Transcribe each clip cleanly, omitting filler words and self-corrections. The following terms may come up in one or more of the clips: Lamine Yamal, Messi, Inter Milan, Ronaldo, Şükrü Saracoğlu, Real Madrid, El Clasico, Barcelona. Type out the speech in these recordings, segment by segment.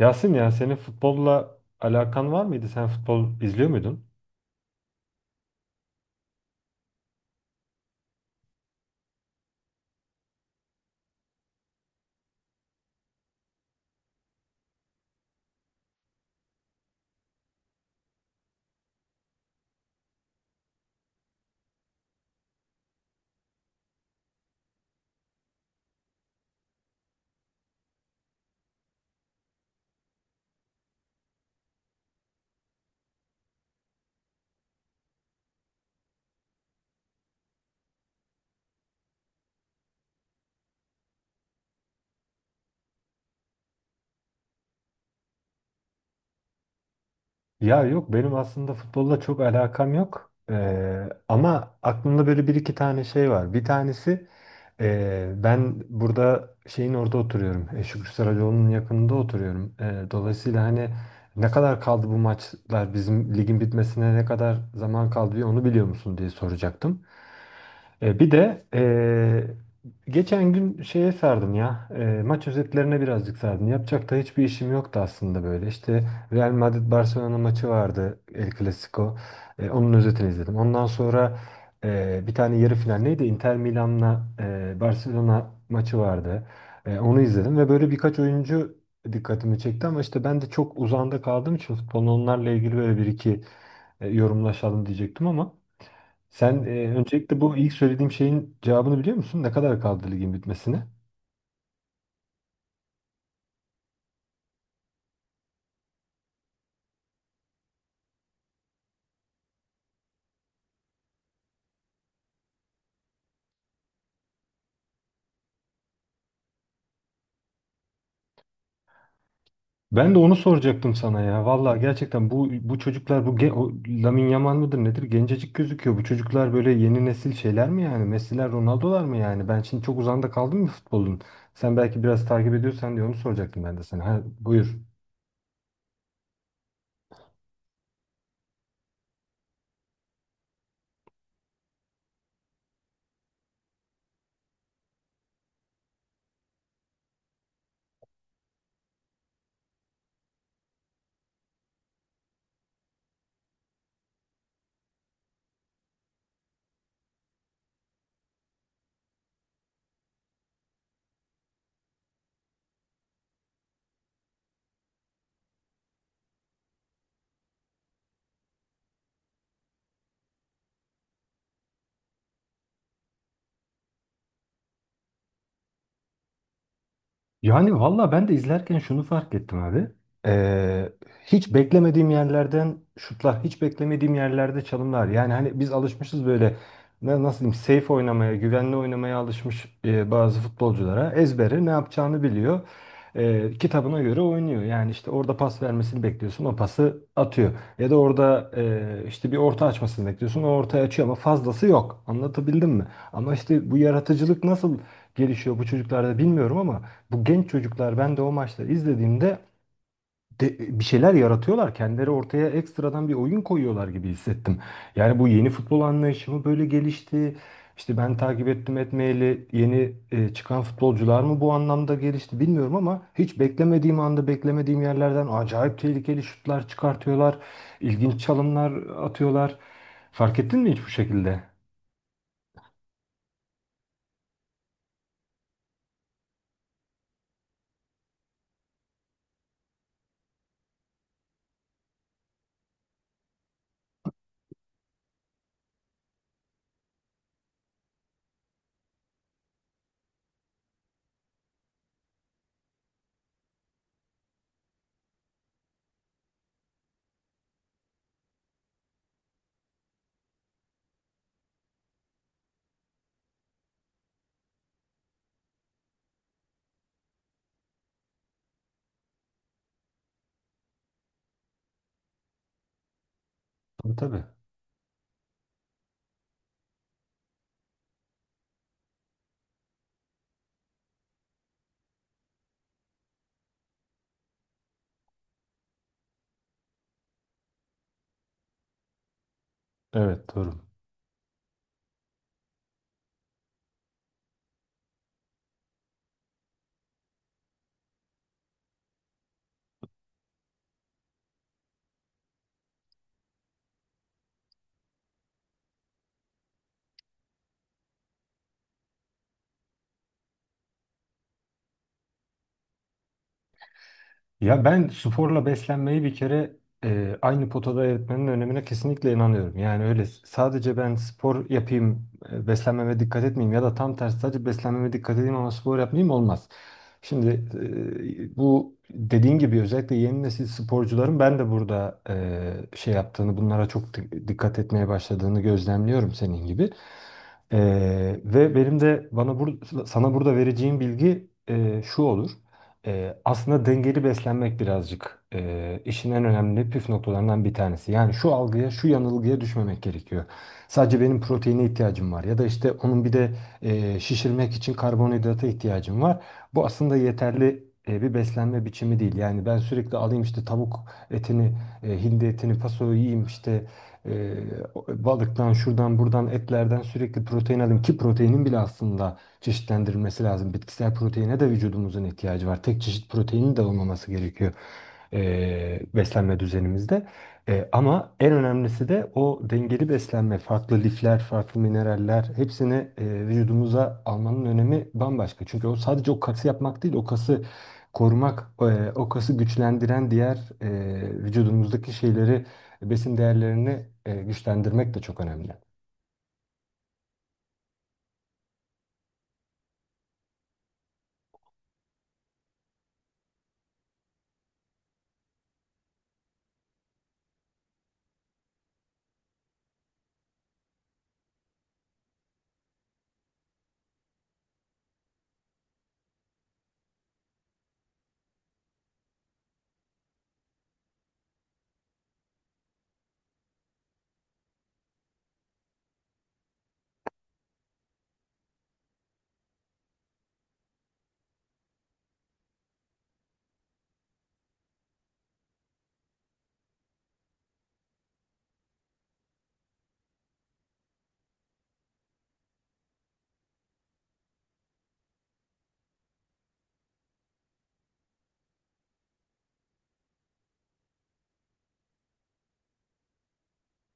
Yasin, ya senin futbolla alakan var mıydı? Sen futbol izliyor muydun? Ya yok, benim aslında futbolla çok alakam yok. Ama aklımda böyle bir iki tane şey var. Bir tanesi ben burada şeyin orada oturuyorum. Şükrü Saracoğlu'nun yakınında oturuyorum. Dolayısıyla hani ne kadar kaldı bu maçlar, bizim ligin bitmesine ne kadar zaman kaldı diye onu biliyor musun diye soracaktım. Bir de geçen gün şeye sardım ya. Maç özetlerine birazcık sardım. Yapacak da hiçbir işim yoktu aslında böyle. İşte Real Madrid Barcelona maçı vardı, El Clasico. Onun özetini izledim. Ondan sonra bir tane yarı final neydi? Inter Milan'la Barcelona maçı vardı. Onu izledim ve böyle birkaç oyuncu dikkatimi çekti ama işte ben de çok uzağında kaldığım için futbolun onlarla ilgili böyle bir iki yorumlaşalım diyecektim ama sen öncelikle bu ilk söylediğim şeyin cevabını biliyor musun? Ne kadar kaldı ligin bitmesine? Ben de onu soracaktım sana ya. Vallahi gerçekten bu çocuklar, Lamine Yamal mıdır nedir? Gencecik gözüküyor. Bu çocuklar böyle yeni nesil şeyler mi yani? Messi'ler, Ronaldo'lar mı yani? Ben şimdi çok uzanda kaldım mı futbolun? Sen belki biraz takip ediyorsan diye onu soracaktım ben de sana. Ha, buyur. Yani valla ben de izlerken şunu fark ettim abi. Ee, Hiç beklemediğim yerlerden şutlar, hiç beklemediğim yerlerde çalımlar. Yani hani biz alışmışız böyle nasıl diyeyim, safe oynamaya, güvenli oynamaya alışmış bazı futbolculara. Ezbere ne yapacağını biliyor. Kitabına göre oynuyor. Yani işte orada pas vermesini bekliyorsun, o pası atıyor. Ya da orada işte bir orta açmasını bekliyorsun, o ortaya açıyor ama fazlası yok. Anlatabildim mi? Ama işte bu yaratıcılık nasıl gelişiyor bu çocuklarda bilmiyorum ama bu genç çocuklar, ben de o maçları izlediğimde bir şeyler yaratıyorlar. Kendileri ortaya ekstradan bir oyun koyuyorlar gibi hissettim. Yani bu yeni futbol anlayışı mı böyle gelişti? İşte ben takip ettim etmeyeli yeni çıkan futbolcular mı bu anlamda gelişti bilmiyorum ama hiç beklemediğim anda beklemediğim yerlerden acayip tehlikeli şutlar çıkartıyorlar. İlginç çalımlar atıyorlar. Fark ettin mi hiç bu şekilde? Tabii, tabii. Evet, doğru. Ya ben sporla beslenmeyi bir kere aynı potada eritmenin önemine kesinlikle inanıyorum. Yani öyle sadece ben spor yapayım, beslenmeme dikkat etmeyeyim ya da tam tersi sadece beslenmeme dikkat edeyim ama spor yapmayayım olmaz. Şimdi bu dediğin gibi özellikle yeni nesil sporcuların ben de burada şey yaptığını, bunlara çok dikkat etmeye başladığını gözlemliyorum senin gibi. E, Ve benim de bana bur sana burada vereceğim bilgi şu olur. Aslında dengeli beslenmek birazcık işin en önemli püf noktalarından bir tanesi. Yani şu algıya, şu yanılgıya düşmemek gerekiyor. Sadece benim proteine ihtiyacım var ya da işte onun bir de şişirmek için karbonhidrata ihtiyacım var. Bu aslında yeterli bir beslenme biçimi değil. Yani ben sürekli alayım işte tavuk etini, hindi etini, pasoyu yiyeyim işte e, balıktan, şuradan, buradan, etlerden sürekli protein alayım ki proteinin bile aslında çeşitlendirilmesi lazım. Bitkisel proteine de vücudumuzun ihtiyacı var. Tek çeşit proteinin de olmaması gerekiyor beslenme düzenimizde. Ama en önemlisi de o dengeli beslenme, farklı lifler, farklı mineraller, hepsini vücudumuza almanın önemi bambaşka. Çünkü o sadece o kası yapmak değil, o kası korumak, o kası güçlendiren diğer vücudumuzdaki şeyleri, besin değerlerini güçlendirmek de çok önemli.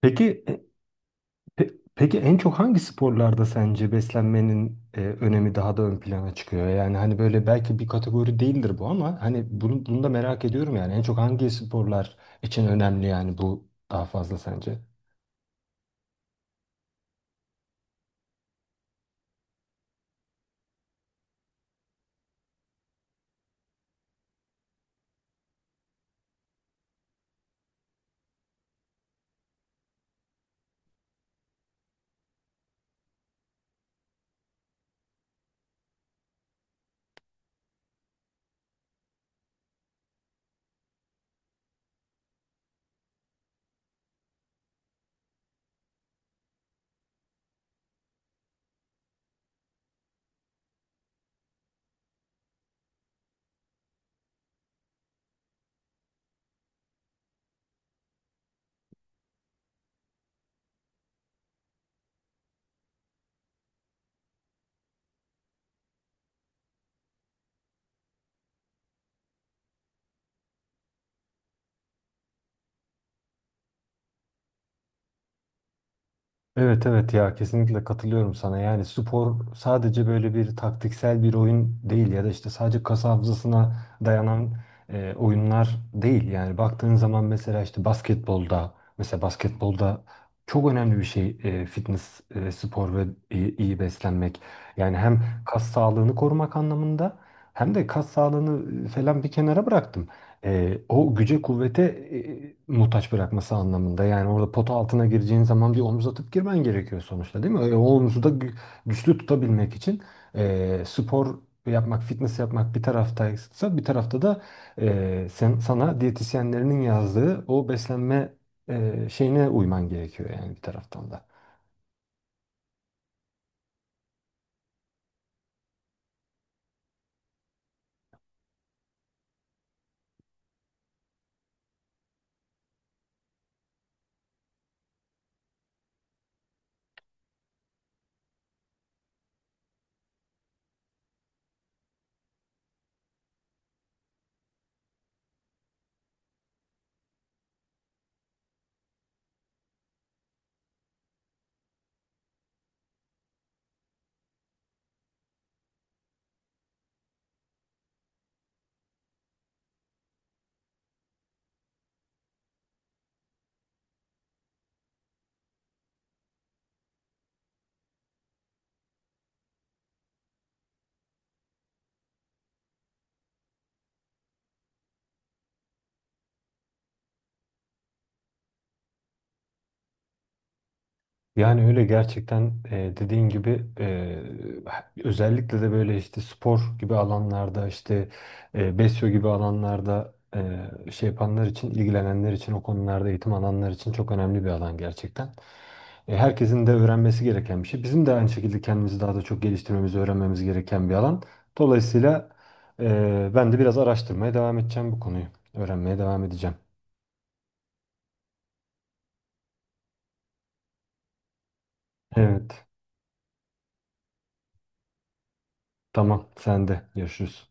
Peki e, Peki en çok hangi sporlarda sence beslenmenin önemi daha da ön plana çıkıyor? Yani hani böyle belki bir kategori değildir bu ama hani bunu da merak ediyorum, yani en çok hangi sporlar için önemli yani bu daha fazla sence? Evet, evet, ya kesinlikle katılıyorum sana. Yani spor sadece böyle bir taktiksel bir oyun değil ya da işte sadece kas hafızasına dayanan oyunlar değil. Yani baktığın zaman mesela işte basketbolda, mesela basketbolda çok önemli bir şey fitness, spor ve iyi, iyi beslenmek. Yani hem kas sağlığını korumak anlamında hem de kas sağlığını falan bir kenara bıraktım, o güce kuvvete muhtaç bırakması anlamında. Yani orada pota altına gireceğin zaman bir omuz atıp girmen gerekiyor sonuçta, değil mi? O omuzu da güçlü tutabilmek için spor yapmak, fitness yapmak bir taraftaysa, bir tarafta da sana diyetisyenlerinin yazdığı o beslenme şeyine uyman gerekiyor yani bir taraftan da. Yani öyle gerçekten, dediğin gibi, özellikle de böyle işte spor gibi alanlarda, işte besyo gibi alanlarda şey yapanlar için, ilgilenenler için, o konularda eğitim alanlar için çok önemli bir alan gerçekten. Herkesin de öğrenmesi gereken bir şey. Bizim de aynı şekilde kendimizi daha da çok geliştirmemizi öğrenmemiz gereken bir alan. Dolayısıyla ben de biraz araştırmaya devam edeceğim bu konuyu. Öğrenmeye devam edeceğim. Evet. Tamam, sen de. Görüşürüz.